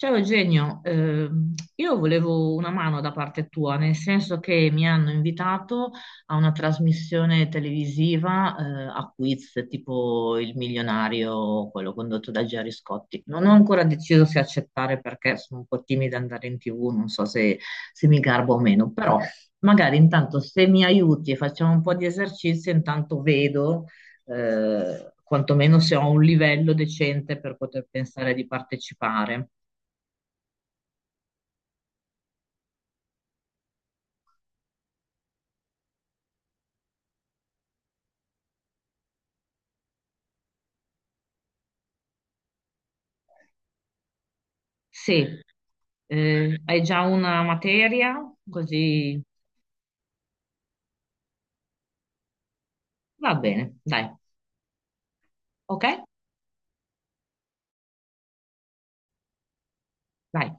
Ciao Eugenio, io volevo una mano da parte tua, nel senso che mi hanno invitato a una trasmissione televisiva, a quiz tipo Il Milionario, quello condotto da Gerry Scotti. Non ho ancora deciso se accettare perché sono un po' timida ad andare in TV, non so se, se mi garbo o meno, però magari intanto se mi aiuti e facciamo un po' di esercizi, intanto vedo quantomeno se ho un livello decente per poter pensare di partecipare. Sì, hai già una materia, così va bene, dai, ok? Dai.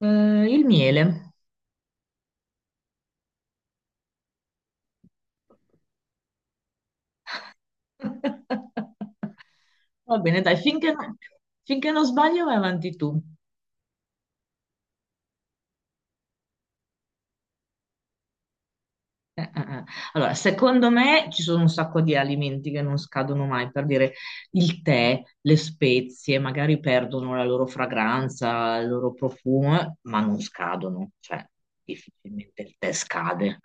Il miele. Va bene, dai, finché, no, finché non sbaglio vai avanti tu. Eh. Allora, secondo me ci sono un sacco di alimenti che non scadono mai, per dire il tè, le spezie, magari perdono la loro fragranza, il loro profumo, ma non scadono, cioè difficilmente il tè scade.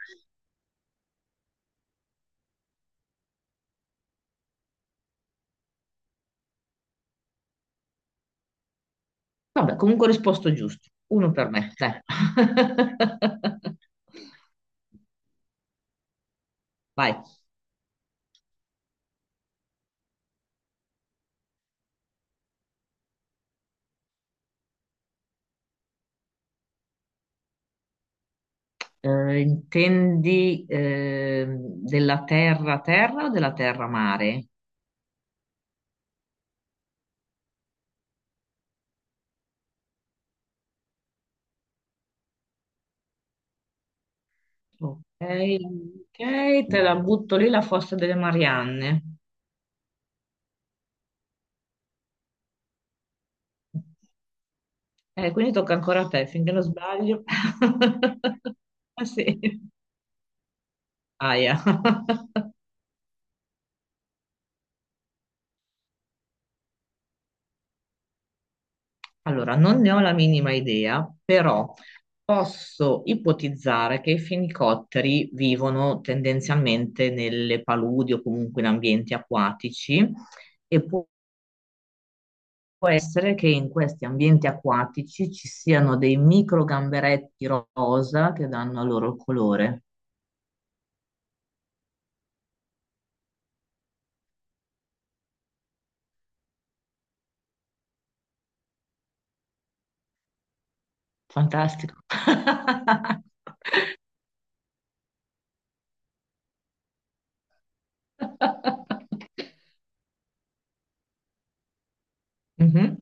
Vabbè, comunque ho risposto giusto. Uno per me, dai. Vai. Intendi della terra-terra o della terra-mare? Ok, ok, te la butto lì la fossa delle Marianne. Quindi tocca ancora a te, finché non sbaglio. Ah sì, aia. Allora, non ne ho la minima idea, però posso ipotizzare che i fenicotteri vivono tendenzialmente nelle paludi o comunque in ambienti acquatici e può essere che in questi ambienti acquatici ci siano dei micro gamberetti rosa che danno loro il colore. Fantastico. Mhm.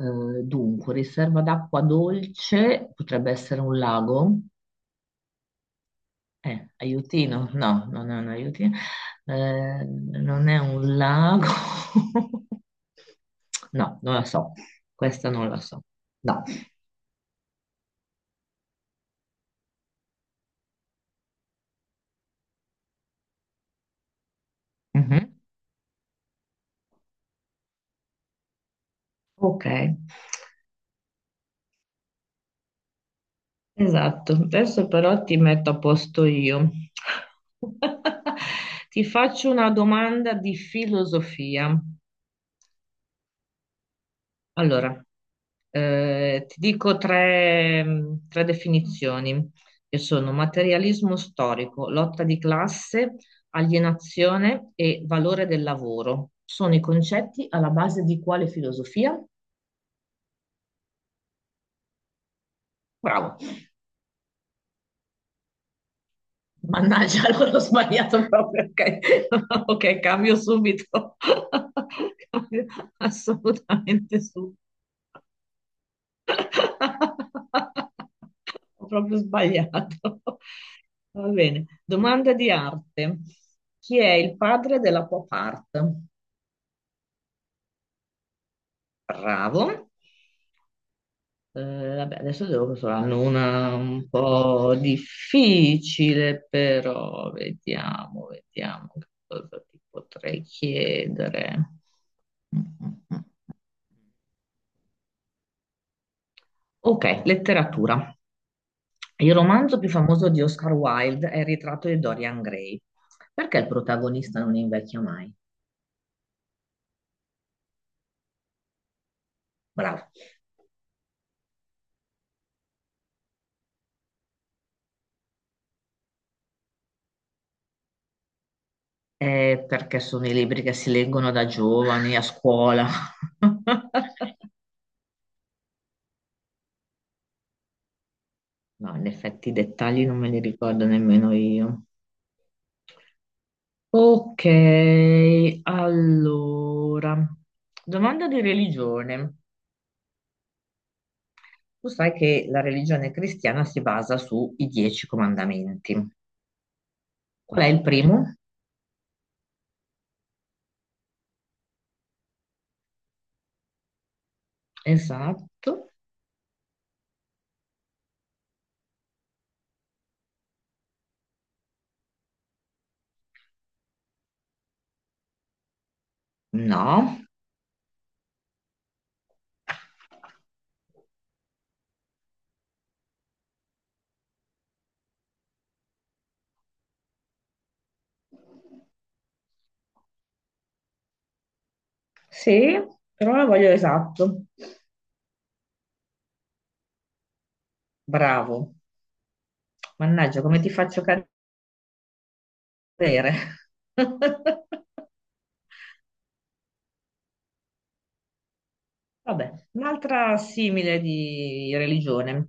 Dunque, riserva d'acqua dolce potrebbe essere un lago. Aiutino? No, non è un aiutino. Non è un lago. No, non la so. Questa non la so. No. Mhm. Ok, esatto. Adesso però ti metto a posto io. Ti faccio una domanda di filosofia. Allora, ti dico tre, tre definizioni, che sono materialismo storico, lotta di classe, alienazione e valore del lavoro. Sono i concetti alla base di quale filosofia? Bravo. Mannaggia, allora ho sbagliato proprio. Ok, ok, cambio subito. Cambio assolutamente subito. Ho proprio sbagliato. Va bene. Domanda di arte. Chi è il padre della pop art? Bravo. Eh, vabbè, adesso devo saranno una un po' difficile, però vediamo, vediamo che cosa ti potrei chiedere. Mm, mm, mm. Ok, letteratura. Il romanzo più famoso di Oscar Wilde è Il ritratto di Dorian Gray. Perché il protagonista non invecchia mai? Bravo. Perché sono i libri che si leggono da giovani a scuola. No, in effetti i dettagli non me li ricordo nemmeno io. Ok, allora, domanda di religione. Tu sai che la religione cristiana si basa sui dieci comandamenti. Qual è il primo? Esatto, no, sì, però la voglio esatto. Bravo, mannaggia, come ti faccio cadere? Vabbè, un'altra simile di religione.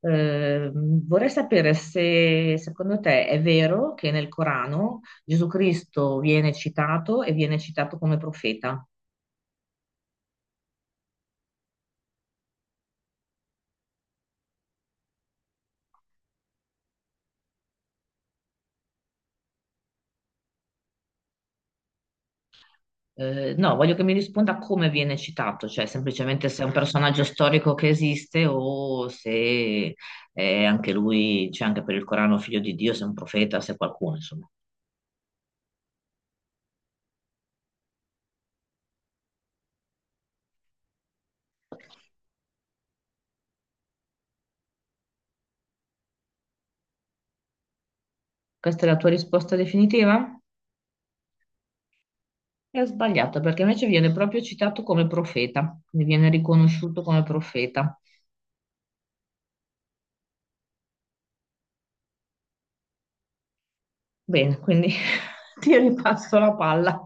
Vorrei sapere se secondo te è vero che nel Corano Gesù Cristo viene citato e viene citato come profeta. No, voglio che mi risponda come viene citato, cioè semplicemente se è un personaggio storico che esiste o se è anche lui, c'è anche per il Corano figlio di Dio, se è un profeta, se è qualcuno, insomma. Questa è la tua risposta definitiva? E ho sbagliato perché invece viene proprio citato come profeta, quindi viene riconosciuto come profeta. Bene, quindi ti ripasso la palla.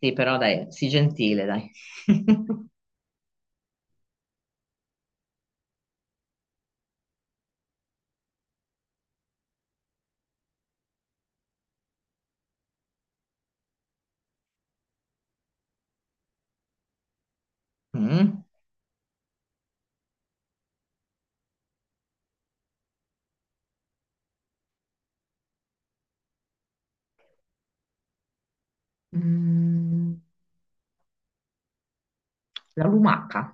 Sì, però dai, sii gentile, dai. Mm. Mm, la lumaca.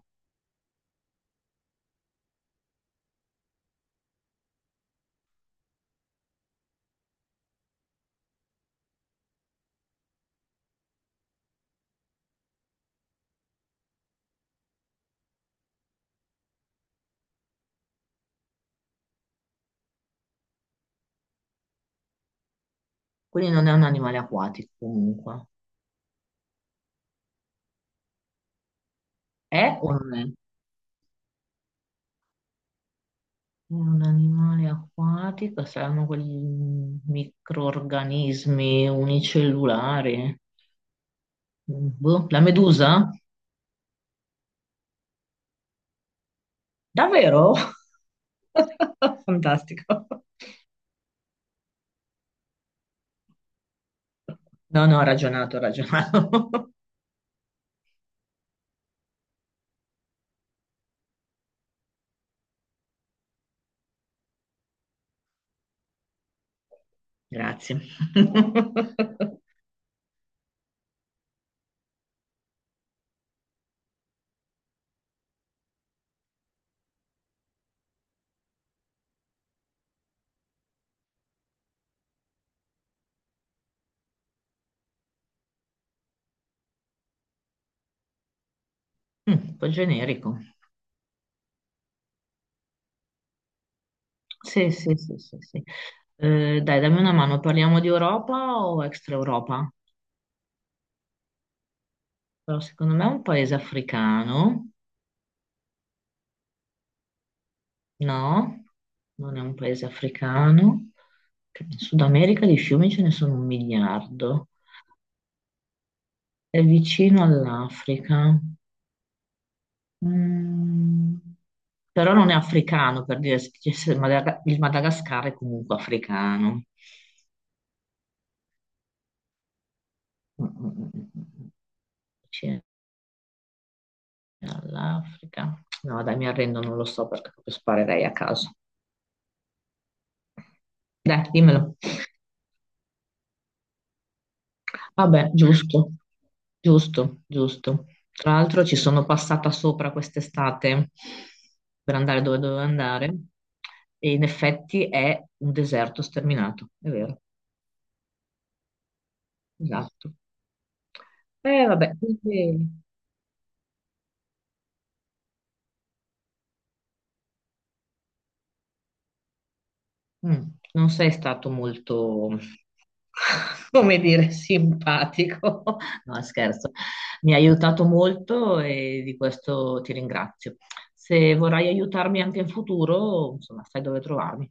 Quindi non è un animale acquatico comunque. È o non è? È un animale acquatico, saranno quegli microrganismi unicellulari. Boh, la medusa? Davvero? Fantastico. No, no, ho ragionato, ho ragionato. Grazie. Mm, un po' generico. Sì, sì, sì, sì, sì. Dai, dammi una mano, parliamo di Europa o extra Europa? Però secondo me è un paese africano, no? Non è un paese africano. Che in Sud America di fiumi ce ne sono un miliardo. È vicino all'Africa. Mm, però non è africano, per dire, se dicesse Madaga- il Madagascar è comunque africano. Mm, mm, mm, mm. Vicino all'Africa. No, dai, mi arrendo, non lo so perché proprio sparerei a caso. Dai, dimmelo. Vabbè, giusto, giusto, giusto. Tra l'altro ci sono passata sopra quest'estate per andare dove dovevo andare e in effetti è un deserto sterminato, è vero, esatto. E vabbè, quindi mm, non sei stato molto, come dire, simpatico. No, scherzo. Mi hai aiutato molto e di questo ti ringrazio. Se vorrai aiutarmi anche in futuro, insomma, sai dove trovarmi.